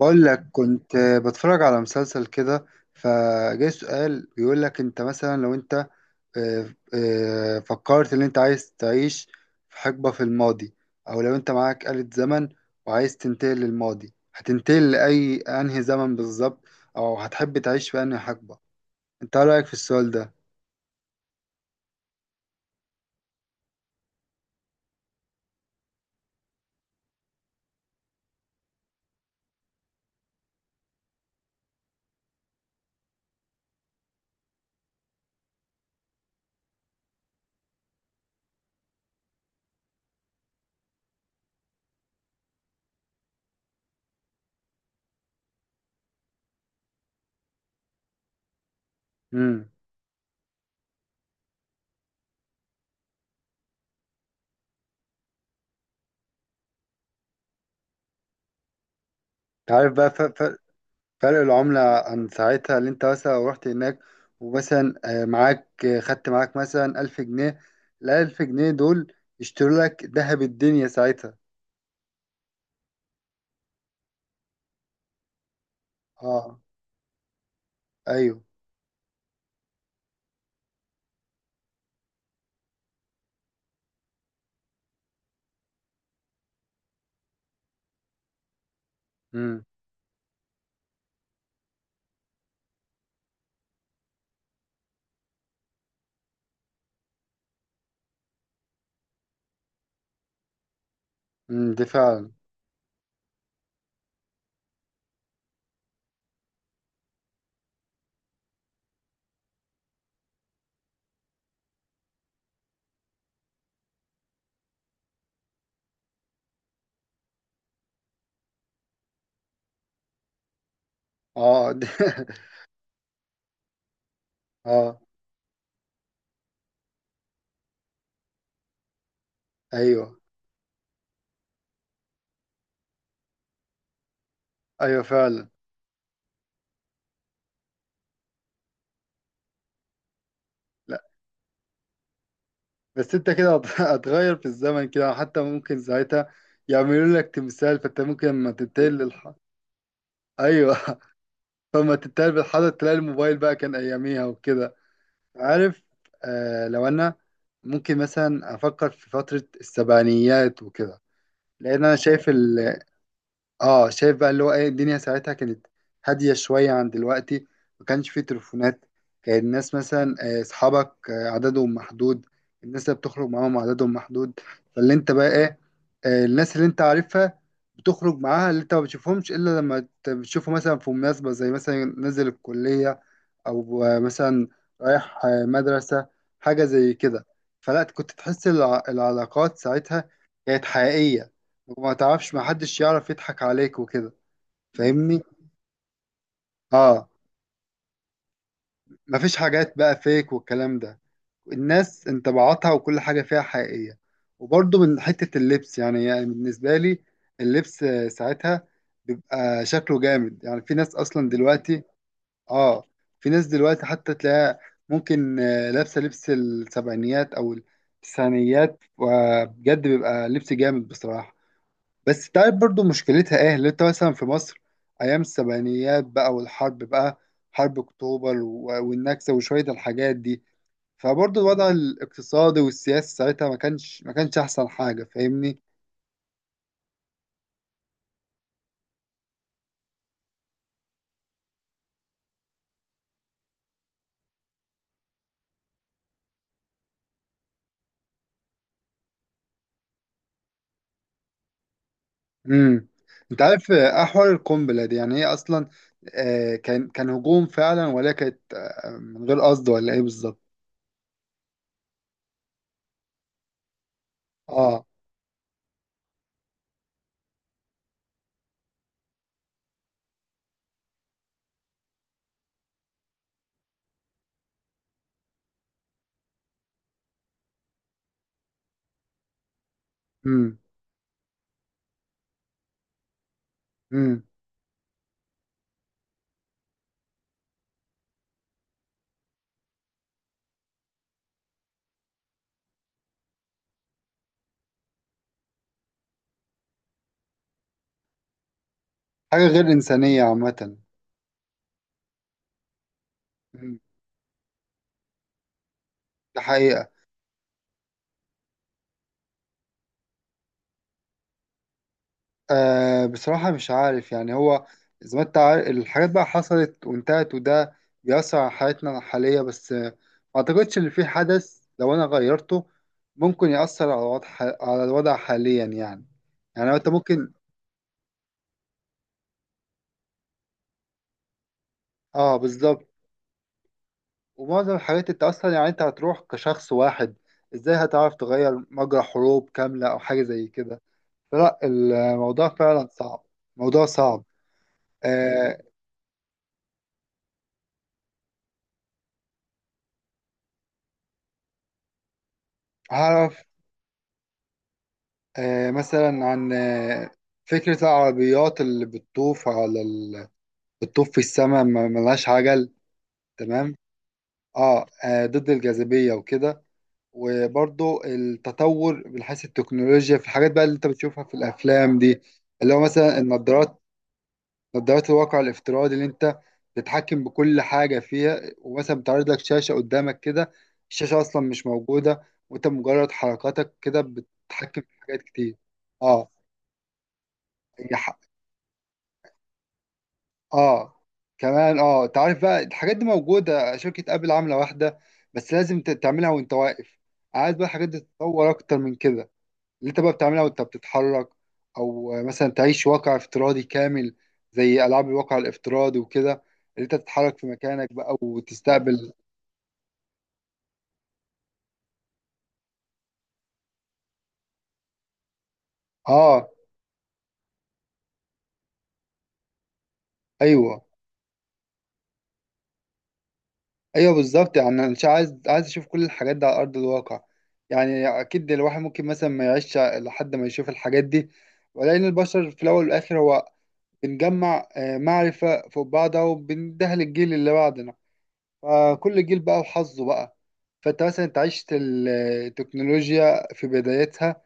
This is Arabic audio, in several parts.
بقول لك كنت بتفرج على مسلسل كده. فجاي سؤال بيقول لك: انت مثلا، لو انت فكرت ان انت عايز تعيش في حقبة في الماضي، او لو انت معاك آلة زمن وعايز تنتقل للماضي، هتنتقل لأي انهي زمن بالظبط؟ او هتحب تعيش في انهي حقبة؟ انت ايه رأيك في السؤال ده؟ امم. عارف بقى فرق العملة عن ساعتها؟ اللي انت مثلا لو رحت هناك، ومثلا آه، معاك آه، خدت معاك مثلا ألف جنيه، الألف جنيه دول يشتروا لك ذهب الدنيا ساعتها؟ اه. ايوه. امم. دي فعلا. اه، دي اه. ايوه، ايوه، فعلا. لا، بس انت كده هتغير في الزمن كده، حتى ممكن ساعتها يعملوا لك تمثال، فانت ممكن لما تنتقل ايوه فما تنتقل بالحضر تلاقي الموبايل بقى كان اياميها وكده. عارف، لو انا ممكن مثلا افكر في فترة السبعينيات وكده، لان انا شايف بقى اللي هو ايه الدنيا ساعتها. كانت هادية شوية عن دلوقتي، ما كانش فيه تليفونات، كان الناس مثلا اصحابك عددهم محدود، الناس اللي بتخرج معاهم عددهم محدود، فاللي انت بقى ايه، الناس اللي انت عارفها بتخرج معاها، اللي انت ما بتشوفهمش الا لما بتشوفه مثلا في مناسبة، زي مثلا نزل الكلية او مثلا رايح مدرسة، حاجة زي كده. فلا كنت تحس العلاقات ساعتها كانت حقيقية، وما تعرفش، ما حدش يعرف يضحك عليك وكده، فاهمني. اه. مفيش حاجات بقى فيك والكلام ده، الناس انطباعاتها وكل حاجة فيها حقيقية. وبرضه من حتة اللبس، يعني بالنسبة لي، اللبس ساعتها بيبقى شكله جامد. يعني في ناس أصلا دلوقتي، اه، في ناس دلوقتي حتى تلاقيها ممكن لابسة لبس السبعينيات أو التسعينيات، وبجد بيبقى لبس جامد بصراحة. بس تعرف برضو مشكلتها ايه، اللي انت مثلا في مصر ايام السبعينيات بقى والحرب بقى، حرب اكتوبر والنكسه وشويه الحاجات دي، فبرضو الوضع الاقتصادي والسياسي ساعتها ما كانش احسن حاجه، فاهمني. امم. انت عارف احوال القنبله دي؟ يعني هي اصلا كان هجوم فعلا، ولا كانت من غير قصد، ولا ايه بالظبط؟ اه. امم. امم. حاجه غير انسانيه عامه. امم. ده حقيقه. بصراحة مش عارف، يعني هو زي ما انت عارف الحاجات بقى حصلت وانتهت، وده بيأثر على حياتنا الحالية، بس ما أعتقدش إن في حدث لو أنا غيرته ممكن يأثر على الوضع حاليا يعني. يعني انت ممكن. اه، بالظبط. ومعظم الحاجات انت اصلا، يعني انت هتروح كشخص واحد، ازاي هتعرف تغير مجرى حروب كاملة او حاجة زي كده؟ فلا، الموضوع فعلا صعب، موضوع صعب. أه. هعرف مثلا عن فكرة العربيات اللي بتطوف على بتطوف في السماء، ملهاش عجل. تمام. اه. ضد الجاذبية وكده. وبرضو التطور من حيث التكنولوجيا في الحاجات بقى اللي انت بتشوفها في الأفلام دي، اللي هو مثلا النظارات، نظارات الواقع الافتراضي اللي انت تتحكم بكل حاجة فيها، ومثلا بتعرض لك شاشة قدامك كده، الشاشة أصلا مش موجودة، وانت مجرد حركاتك كده بتتحكم في حاجات كتير. اه. اه. كمان انت عارف بقى الحاجات دي موجوده، شركه ابل عامله واحده، بس لازم تعملها وانت واقف. عايز بقى الحاجات دي تتطور اكتر من كده، اللي انت بقى بتعملها وانت بتتحرك، او مثلا تعيش واقع افتراضي كامل، زي العاب الواقع الافتراضي وكده، اللي انت تتحرك في مكانك بقى وتستقبل. اه. ايوه. ايوه، بالظبط. يعني انا مش عايز اشوف كل الحاجات دي على ارض الواقع. يعني اكيد الواحد ممكن مثلا ما يعيش لحد ما يشوف الحاجات دي، ولكن البشر في الاول والاخر هو بنجمع معرفة فوق بعضها وبندهل الجيل اللي بعدنا، فكل جيل بقى وحظه بقى. فانت مثلا انت عشت التكنولوجيا في بدايتها،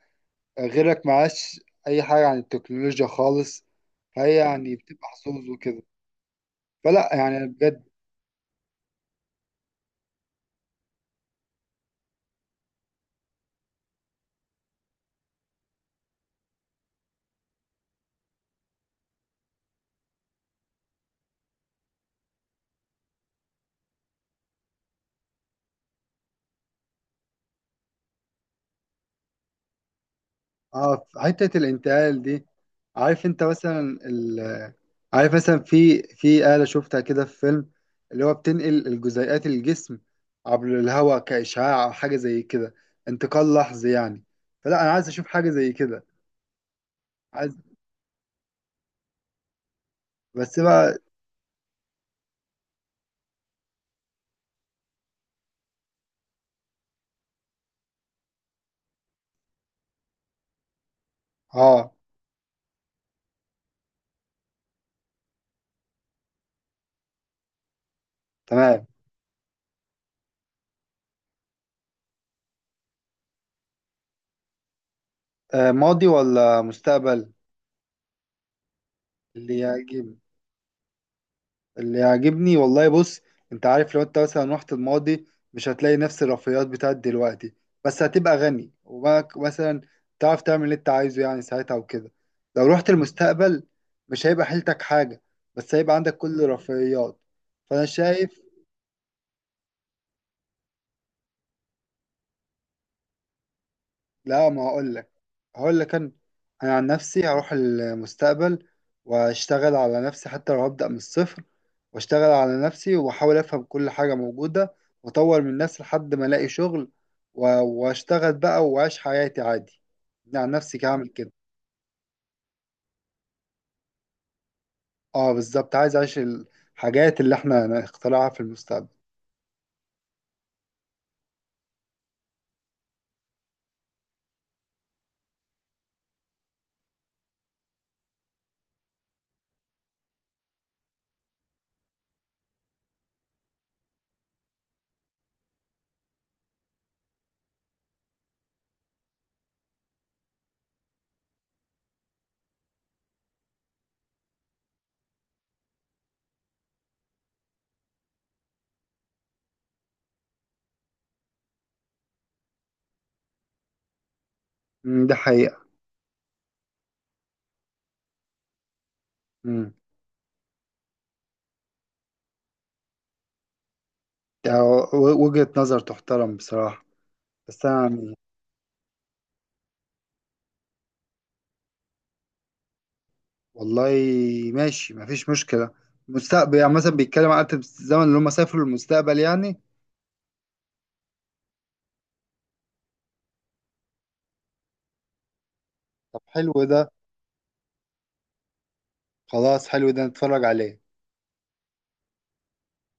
غيرك معاش اي حاجة عن التكنولوجيا خالص، فهي يعني بتبقى حظوظ وكده. فلا يعني أنا بجد. اه، في حتة الانتقال دي، عارف انت مثلا عارف مثلا في آلة شفتها كده في فيلم، اللي هو بتنقل الجزيئات الجسم عبر الهواء كإشعاع أو حاجة زي كده، انتقال لحظي يعني، فلا أنا عايز أشوف حاجة زي كده. عايز. بس بقى. اه. تمام. ماضي ولا مستقبل؟ اللي يعجب اللي يعجبني والله. بص، انت عارف لو انت مثلا رحت الماضي، مش هتلاقي نفس الرفاهيات بتاعت دلوقتي، بس هتبقى غني، وبقى مثلا تعرف تعمل اللي انت عايزه يعني ساعتها وكده. لو رحت المستقبل، مش هيبقى حيلتك حاجة، بس هيبقى عندك كل الرفاهيات. فانا شايف، لا، ما هقول، هقول لك انا عن نفسي هروح المستقبل، واشتغل على نفسي حتى لو هبدأ من الصفر، واشتغل على نفسي واحاول افهم كل حاجة موجودة، واطور من نفسي لحد ما الاقي شغل، واشتغل بقى واعيش حياتي عادي. أنا عن نفسي كده هعمل كده. اه، بالظبط، عايز اعيش الحاجات اللي احنا نخترعها في المستقبل. أمم، ده حقيقة. أمم، ده وجهة نظر تحترم بصراحة. بس انا يعني والله ماشي، مفيش مشكلة. مستقبل يعني مثلا بيتكلم عن آلة الزمن، اللي هم سافروا للمستقبل يعني. طب حلو ده. خلاص، حلو ده، نتفرج عليه.